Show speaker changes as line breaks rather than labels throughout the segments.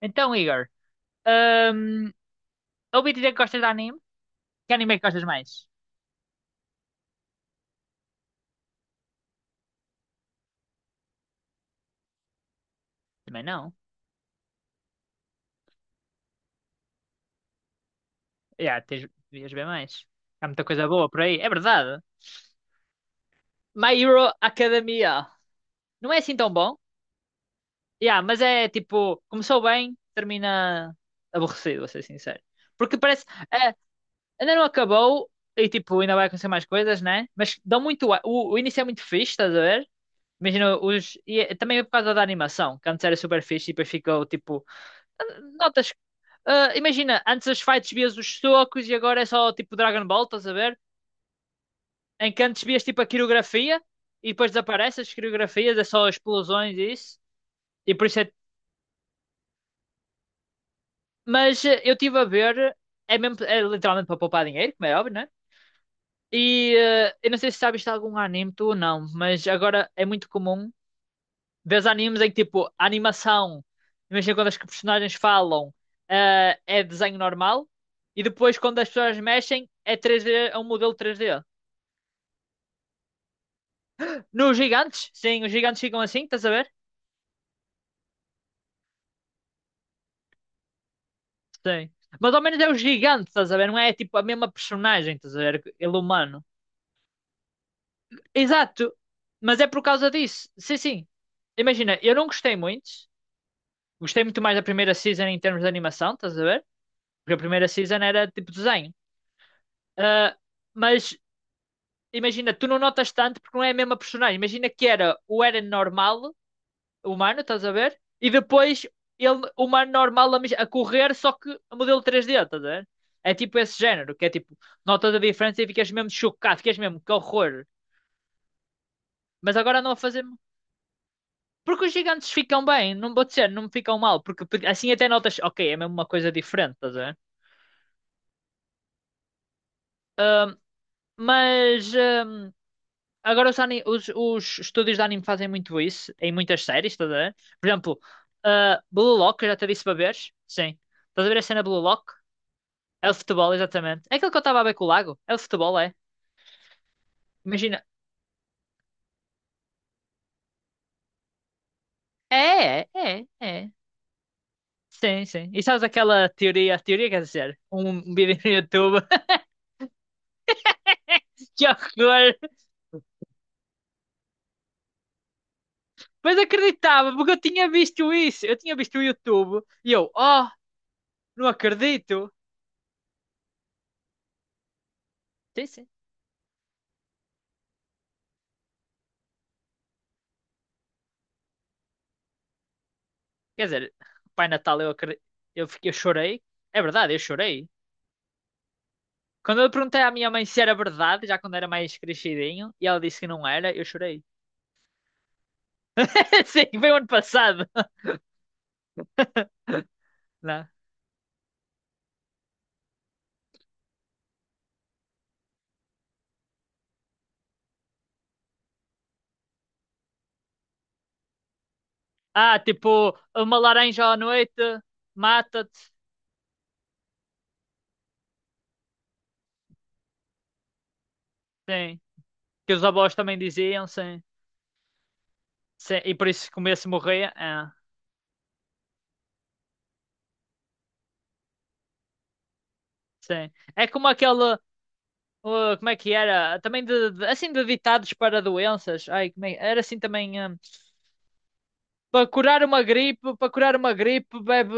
Então, Igor, hum, ouvi dizer que gostas de anime? Que anime é que gostas mais? Também não. Já, tens, devias ver mais. Há muita coisa boa por aí. É verdade. My Hero Academia. Não é assim tão bom. Já, mas é tipo, começou bem, termina aborrecido, vou ser sincero. Porque parece, eh, ainda não acabou e tipo, ainda vai acontecer mais coisas, né? Mas dão muito, a- o início é muito fixe, estás a ver? Imagina os, e é- também é por causa da animação, que antes era super fixe e depois ficou tipo, notas. Ah, imagina, antes as fights vias os socos e agora é só tipo Dragon Ball, estás a ver? Em que antes vias tipo a coreografia e depois desaparece as coreografias, é só explosões e isso. E por isso é... Mas eu estive a ver, é, mesmo, é literalmente para poupar dinheiro, como é óbvio, né? E eu não sei se sabes de algum anime tu ou não, mas agora é muito comum ver animes em que tipo a animação, imagina quando as personagens falam, é desenho normal e depois quando as pessoas mexem é 3D, é um modelo 3D. Nos gigantes, sim, os gigantes ficam assim, estás a ver? Sim. Mas ao menos é o gigante, estás a ver? Não é tipo a mesma personagem, estás a ver? Ele humano. Exato. Mas é por causa disso. Sim, sim. Imagina, eu não gostei muito. Gostei muito mais da primeira season em termos de animação, estás a ver? Porque a primeira season era tipo desenho. Ah, mas imagina, tu não notas tanto porque não é a mesma personagem. Imagina que era o Eren normal humano, estás a ver? E depois ele, humano normal a, mis- a correr, só que a modelo três d estás a ver? É tipo esse género, que é tipo, notas a diferença e ficas mesmo chocado, ficas mesmo, que horror. Mas agora não a fazer. Porque os gigantes ficam bem, não vou dizer, não ficam mal, porque porque assim até notas, ok, é mesmo uma coisa diferente, estás a ver? Mas agora os, ani- os estúdios de anime fazem muito isso em muitas séries, estás a ver? Por exemplo, ah, Blue Lock, eu já te disse para veres? Sim. Estás a ver a cena Blue Lock? É o futebol, exatamente. É aquilo que eu estava a ver com o lago. É o futebol, é. Imagina. É, é, é, é. Sim, sim. E sabes aquela teoria, teoria quer dizer, um vídeo no YouTube. Que é horror! Mas acreditava, porque eu tinha visto isso. Eu tinha visto o YouTube. E eu, oh, não acredito. Sim, sim. Quer dizer, Pai Natal, eu acredito. Eu, fiquei- eu chorei. É verdade, eu chorei. Quando eu perguntei à minha mãe se era verdade, já quando era mais crescidinho, e ela disse que não era, eu chorei. Sim, foi o ano passado. Não. Ah, tipo, uma laranja à noite mata-te. Sim. Que os avós também diziam, sim. Sim. E por isso comer se morria. É, sim. É como aquele. Como é que era? Também de- assim de ditados para doenças. Ai, como é- Era assim também. Para curar uma gripe, para curar uma gripe, bebe.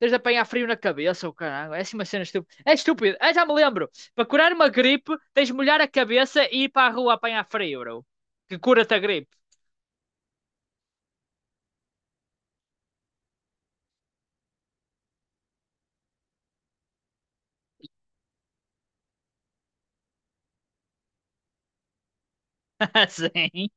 Tens de apanhar frio na cabeça, o caralho. É assim uma cena estúpida. É estúpido. Ah, já me lembro. Para curar uma gripe, tens de molhar a cabeça e ir para a rua apanhar frio, bro. Que cura-te a gripe. Sim.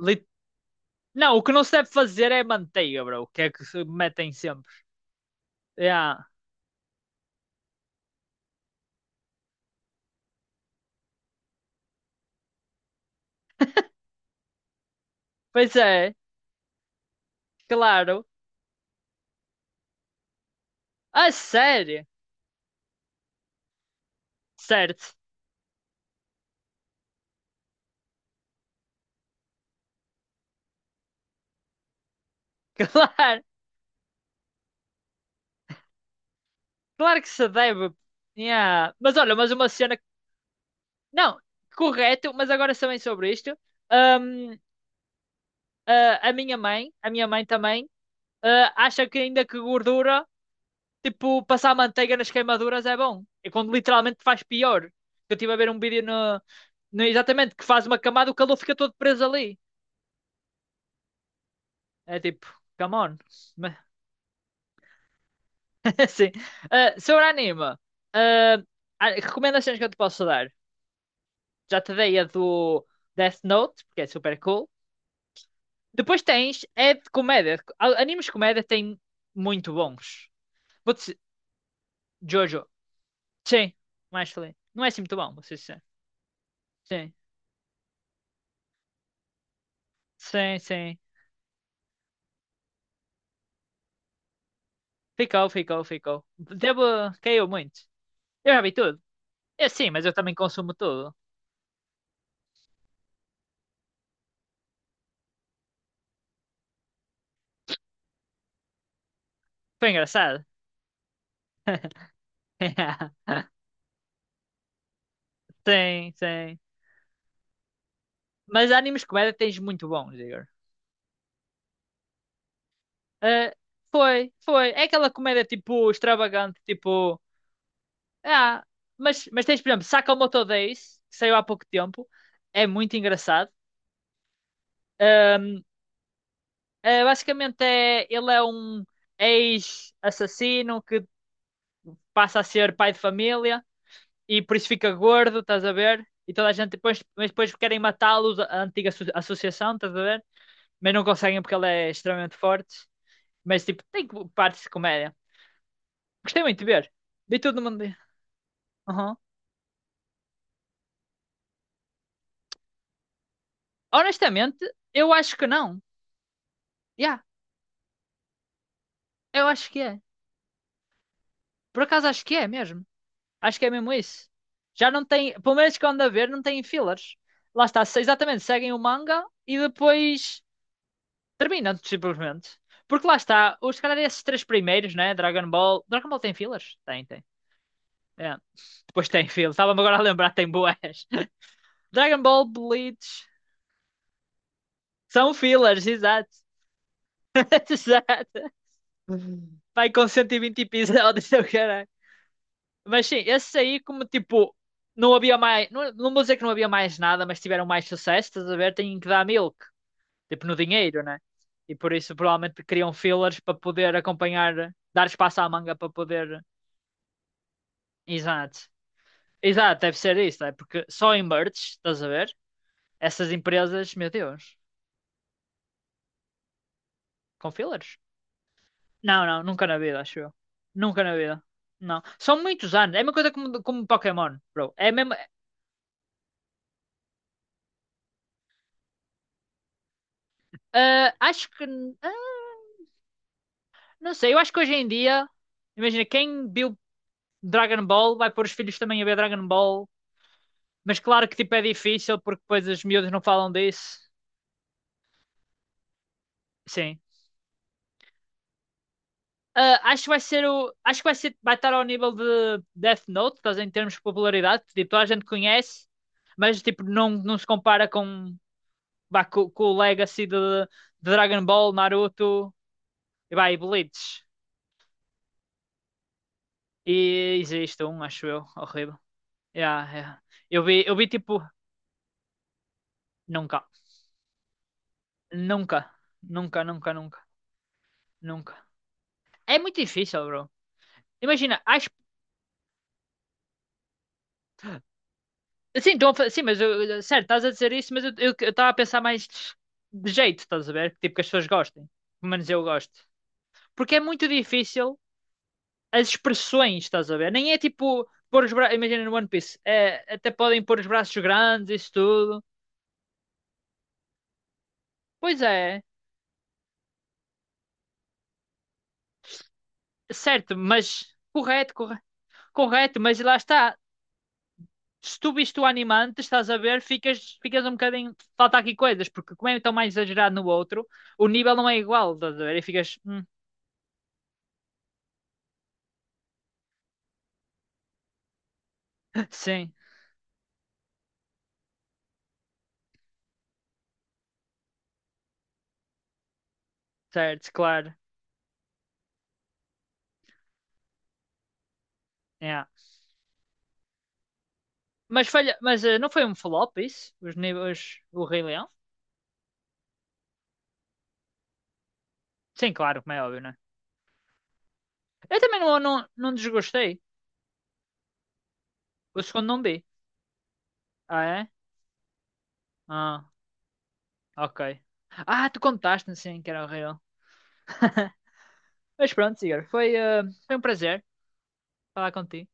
Lit- Não, o que não se deve fazer é manteiga, bro. Que é que se metem sempre. Yeah. Pois é, claro. A sério? Certo. Claro. Claro que se deve. Yeah. Mas olha, mas uma cena. Não, correto, mas agora também sobre isto. Hum, ah, a minha mãe também, ah, acha que ainda que gordura, tipo, passar manteiga nas queimaduras é bom. E quando literalmente faz pior. Eu estive a ver um vídeo no, no- exatamente, que faz uma camada, o calor fica todo preso ali. É tipo, come on. Mas, Assim. Ah, sobre anime, ah, ah, recomendações que eu te posso dar. Já te dei a do Death Note, porque é super cool. Depois tens, é de comédia. A- Animes de comédia têm muito bons. Vou te Jojo. Sim, mais feliz. Não é assim muito bom, vou ser sincero. Sim, sim, sim. Ficou, ficou, ficou. Devo, caiu muito. Eu já vi tudo. É sim, mas eu também consumo tudo. Foi engraçado. Sim, sim. Mas animes de comédia tens muito bons, Igor. Ah, foi, foi. É aquela comédia tipo extravagante, tipo. Ah, mas tens, por exemplo, Sakamoto Days, que saiu há pouco tempo. É muito engraçado. Ahm, ah, basicamente, é, ele é um ex-assassino que passa a ser pai de família e por isso fica gordo, estás a ver? E toda a gente depois, mas depois querem matá-lo, a antiga asso- associação, estás a ver? Mas não conseguem porque ele é extremamente forte. Mas tipo, tem partes de comédia. Gostei muito de ver. Vi tudo no mundo. Uhum. Honestamente, eu acho que não. Yeah, eu acho que é. Por acaso acho que é mesmo. Acho que é mesmo isso. Já não tem, pelo menos que eu ando a ver, não tem fillers. Lá está, se- exatamente, seguem o manga e depois terminam simplesmente. Porque lá está, os, se calhar esses três primeiros, né? Dragon Ball. Dragon Ball tem fillers? Tem, tem. É. Depois tem fillers. Estava-me agora a lembrar, tem boas. Dragon Ball Bleach. São fillers, exato. Exato. Uhum. Vai com 120 episódios, eu caralho. Mas sim, esse aí, como tipo, não havia mais. Não, não vou dizer que não havia mais nada, mas tiveram mais sucesso, estás a ver? Têm que dar milk, tipo, no dinheiro, né? E por isso provavelmente criam fillers para poder acompanhar, dar espaço à manga para poder. Exato. Exato, deve ser isso, é? Porque só em merch, estás a ver? Essas empresas, meu Deus, com fillers? Não, não, nunca na vida, acho eu. Nunca na vida. Não. São muitos anos. É uma coisa como, como Pokémon, bro. É mesmo, Ah, acho que. Ah, não sei, eu acho que hoje em dia. Imagina, quem viu Dragon Ball vai pôr os filhos também a ver Dragon Ball. Mas claro que tipo é difícil porque depois as miúdas não falam disso. Sim. Ah, acho que vai ser o. Acho que vai ser. Vai estar ao nível de Death Note, estás a ver, em termos de popularidade. Tipo, toda a gente conhece, mas tipo, não, não se compara com, vá, co- com, o Legacy de Dragon Ball, Naruto e vai, e Bleach. E existe um, acho eu, horrível. Yeah, yeah. Eu vi tipo. Nunca, nunca, nunca, nunca, nunca, nunca. É muito difícil, bro. Imagina, acho. Sim, então, sim, mas eu- certo, estás a dizer isso, mas eu estava a pensar mais de jeito, estás a ver? Tipo, que as pessoas gostem. Pelo menos eu gosto. Porque é muito difícil as expressões, estás a ver? Nem é tipo pôr os braços. Imagina no One Piece, é, até podem pôr os braços grandes, isso tudo. Pois é, certo, mas correto, corre- correto, mas lá está. Se tu viste o anime estás a ver, ficas, ficas um bocadinho. Falta aqui coisas, porque como é tão mais exagerado no outro, o nível não é igual, estás a ver? E ficas, sim, certo, claro. Yeah." Mas, falha, mas não foi um flop isso? Os níveis, o Rei Leão? Sim, claro, como é óbvio, né? Eu também não, não, não desgostei. O segundo não vi. Ah, é? Ah, ok. Ah, tu contaste-me sim que era o Rei Leão. Mas pronto, Igor, foi, foi um prazer falar contigo.